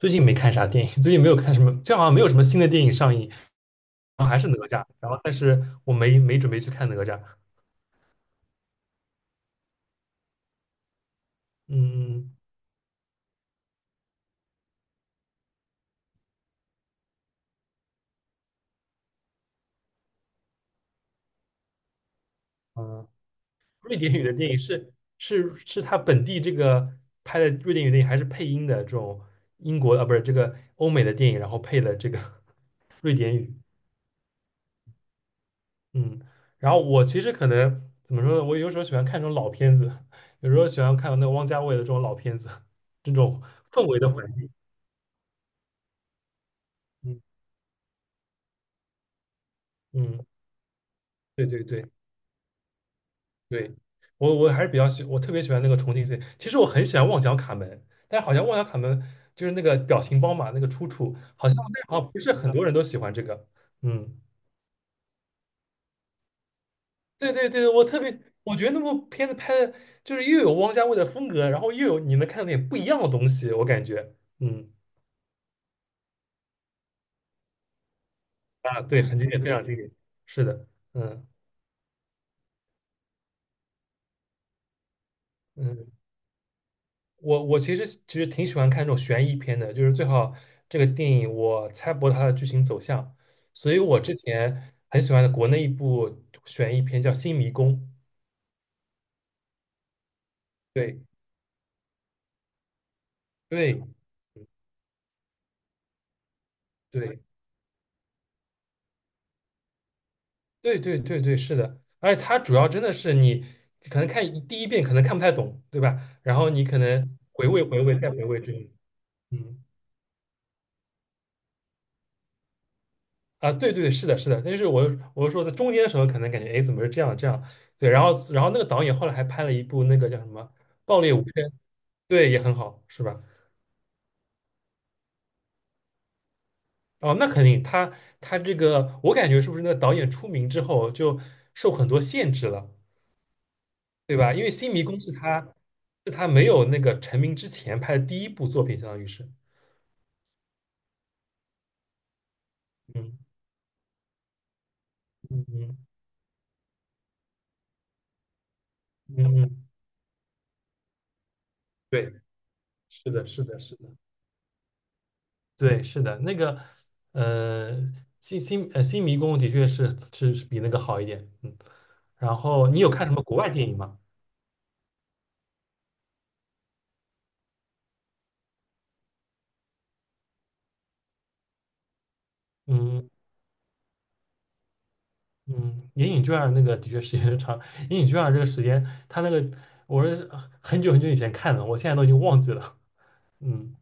最近没看啥电影，最近没有看什么，最近好像没有什么新的电影上映，然后还是哪吒，然后但是我没准备去看哪吒。嗯嗯，瑞典语的电影是他本地这个拍的瑞典语电影，还是配音的这种英国啊，不是这个欧美的电影，然后配了这个 瑞典语。嗯，然后我其实可能怎么说呢，我有时候喜欢看这种老片子，有时候喜欢看那个汪家卫的这种老片子，这种氛围的环境。嗯嗯，对对对。对，我还是比较喜，我特别喜欢那个重庆系。其实我很喜欢《旺角卡门》，但好像《旺角卡门》就是那个表情包嘛，那个出处好像那好像不是很多人都喜欢这个。嗯，对对对，我特别，我觉得那部片子拍的就是又有汪家卫的风格，然后又有你能看到点不一样的东西，我感觉。嗯啊，对，很经典，非常经典。是的，嗯嗯。我其实挺喜欢看这种悬疑片的，就是最好这个电影我猜不到它的剧情走向，所以我之前很喜欢的国内一部悬疑片叫《新迷宫》，对对对对对对对，是的，而且它主要真的是你可能看一第一遍可能看不太懂，对吧？然后你可能回味回味再回味之后嗯。啊，对对，是的，是的，但是我是说在中间的时候，可能感觉哎，诶怎么是这样这样？对，然后那个导演后来还拍了一部那个叫什么《爆裂无声》，对，也很好，是吧？哦，那肯定，他他这个我感觉是不是那个导演出名之后就受很多限制了，对吧？因为《新迷宫》是他是他没有那个成名之前拍的第一部作品，相当于是，嗯嗯嗯嗯，嗯对，是的，是的，是的。对，是的，那个，呃，新迷宫的确是比那个好一点，嗯。然后你有看什么国外电影吗？嗯嗯，《银影卷》那个的确时间长，《银影卷》这个时间，它那个我是很久很久以前看的，我现在都已经忘记了。嗯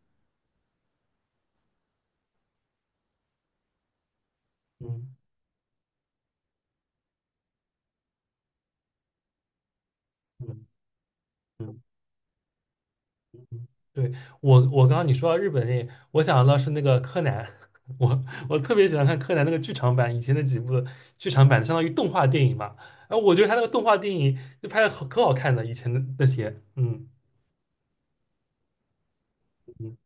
嗯嗯嗯。对，我，我刚刚你说到日本电影，我想到是那个柯南，我我特别喜欢看柯南那个剧场版，以前的几部剧场版相当于动画电影嘛，然后我觉得他那个动画电影就拍的可好看了，以前的那些，嗯嗯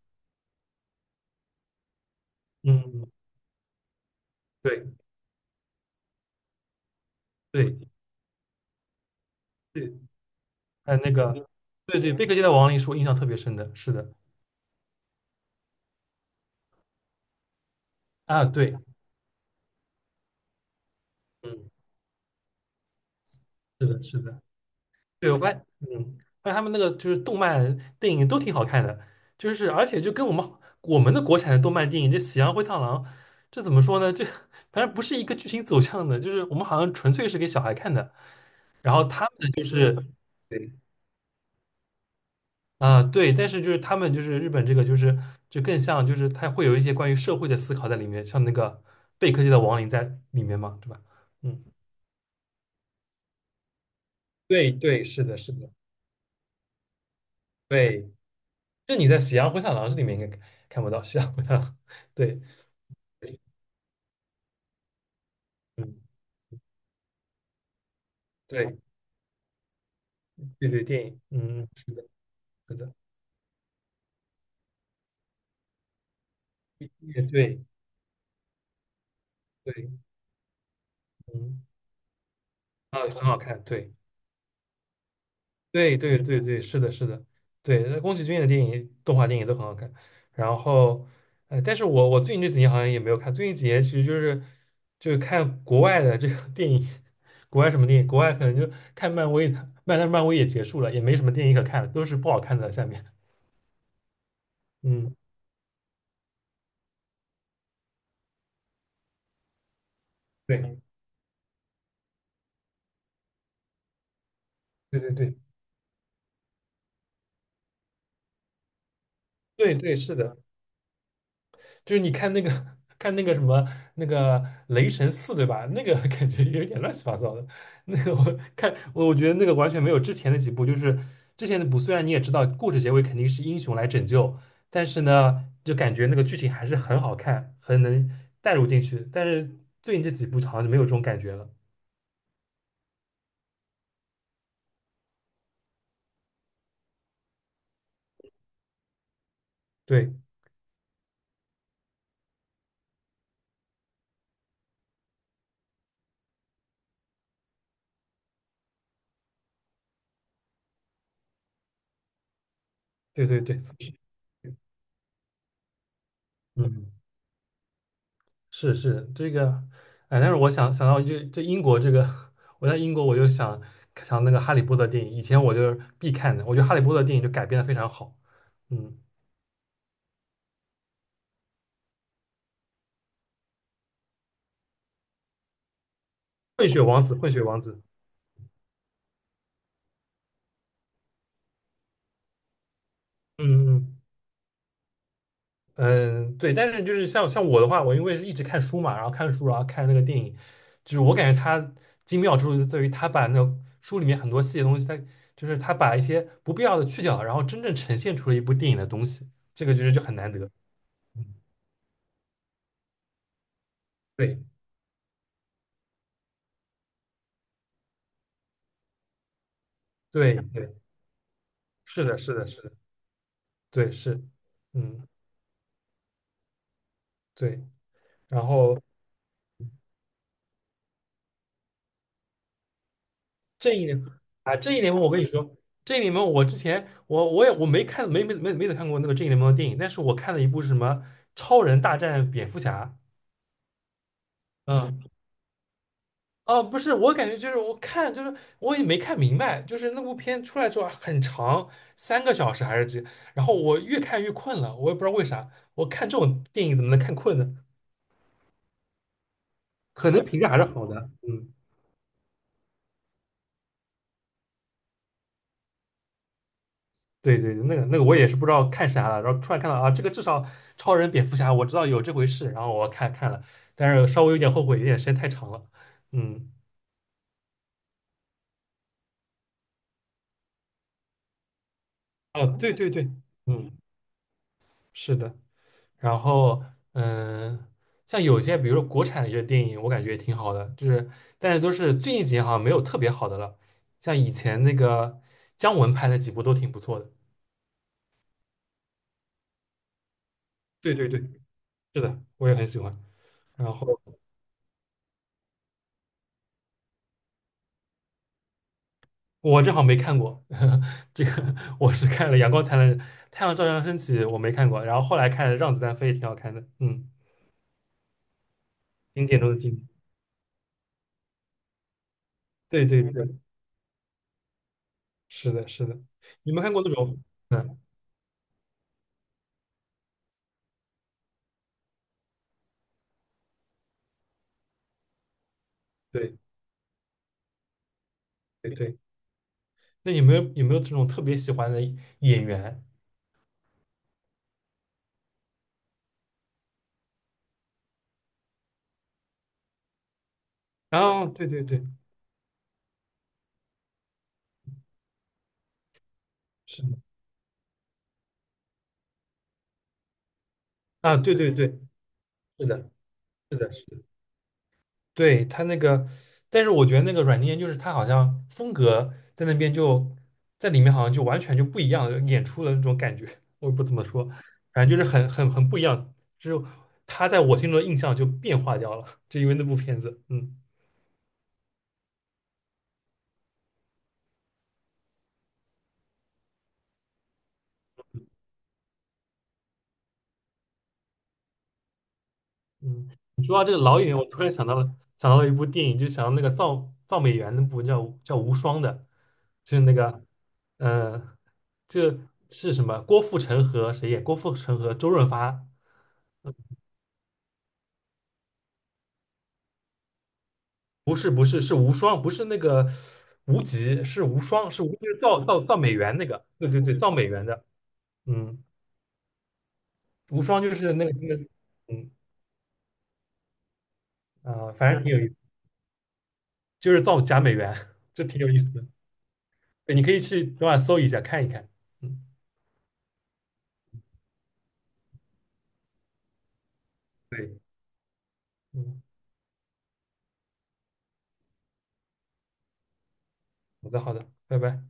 嗯，对对对，还有那个，对对，贝克街的亡灵是我印象特别深的，是的，啊对，嗯，是的是的。对，我发现，嗯，发现他们那个就是动漫电影都挺好看的，就是而且就跟我们我们国产的动漫电影，这《喜羊灰太狼》，这怎么说呢？这反正不是一个剧情走向的，就是我们好像纯粹是给小孩看的，然后他们对啊、对，但是就是他们就是日本这个就是就更像就是他会有一些关于社会的思考在里面，像那个贝克街的亡灵在里面嘛，对吧？嗯，对对，是的，是的，对，就你在《喜羊灰太狼》这里面应该看不到《喜羊灰太狼》，对。嗯，对对对，电影，嗯，是的，是的，也对对，嗯，啊，很好看，对对对对对，是的，是的，对，那宫崎骏的电影，动画电影都很好看。然后，呃，但是我最近这几年好像也没有看，最近几年其实就是就是看国外的这个电影，国外什么电影，国外可能就看漫威的，漫但是漫威也结束了，也没什么电影可看了，都是不好看的。下面，嗯，对对对对对对，是的，就是你看那个 看那个什么那个雷神四，对吧？那个 感觉有点乱七八糟的。那个我看我我觉得那个完全没有之前的几部，就是之前的部虽然你也知道故事结尾肯定是英雄来拯救，但是呢，就感觉那个剧情还是很好看，很能带入进去。但是最近这几部好像就没有这种感觉了。对对对对，40嗯是是这个，哎，但是我想到这英国这个，我在英国我就想那个《哈利波特》电影，以前我就是必看的，我觉得《哈利波特》电影就改编的非常好，嗯，《混血王子》，《混血王子》，嗯嗯嗯，对，但是就是像我的话，我因为是一直看书嘛，然后看书，然后看那个电影，就是我感觉它精妙之处就在于它把那个书里面很多细节东西，它就是它把一些不必要的去掉，然后真正呈现出了一部电影的东西，这个就是就很难得，嗯对对对。是的，是的，是的，对，是，嗯，对。然后正义联盟啊，正义联盟，我跟你说，正义联盟，我之前我没看，没怎么看过那个正义联盟的电影，但是我看了一部是什么《超人大战蝙蝠侠》。嗯，哦，不是，我感觉就是我也没看明白，就是那部片出来之后啊很长，3个小时还是几，然后我越看越困了，我也不知道为啥，我看这种电影怎么能看困呢？可能评价还是好的，嗯。对对，那个那个我也是不知道看啥了，然后突然看到啊，这个至少超人、蝙蝠侠我知道有这回事，然后我看了，但是稍微有点后悔，有点时间太长了。嗯，哦，对对对，嗯，是的。然后嗯、呃像有些比如说国产的一些电影，我感觉也挺好的，就是但是都是最近几年好像没有特别好的了，像以前那个姜文拍的几部都挺不错的。对对对，是的，我也很喜欢。然后。我正好没看过，这个我是看了《阳光灿烂》《太阳照常升起》，我没看过，然后后来看《让子弹飞》也挺好看的，嗯，经典中的经典。对对对，是的，是的。你没看过那种？嗯，对对对。那有没有这种特别喜欢的演员？啊，对对对，是的，啊，对对对，是的，是的，是的。对，他那个，但是我觉得那个阮件研就是他好像风格在那边就在里面好像就完全就不一样，演出了那种感觉，我也不怎么说，反正就是很不一样，就是他在我心中的印象就变化掉了，就因为那部片子，嗯嗯。你说到这个老演员，我突然想到了一部电影，就想到那个造美元那部叫《无双》的，就是那个嗯、呃，这是什么？郭富城和谁演？郭富城和周润发。不是是无双，不是那个无极，是无双，是无就是造美元那个，对对对，造美元的，嗯，无双就是那个那个，嗯反正挺有意思，就是造假美元，这挺有意思的，对，你可以去等会儿搜一下看一看，嗯，对，嗯，好的好的，拜拜。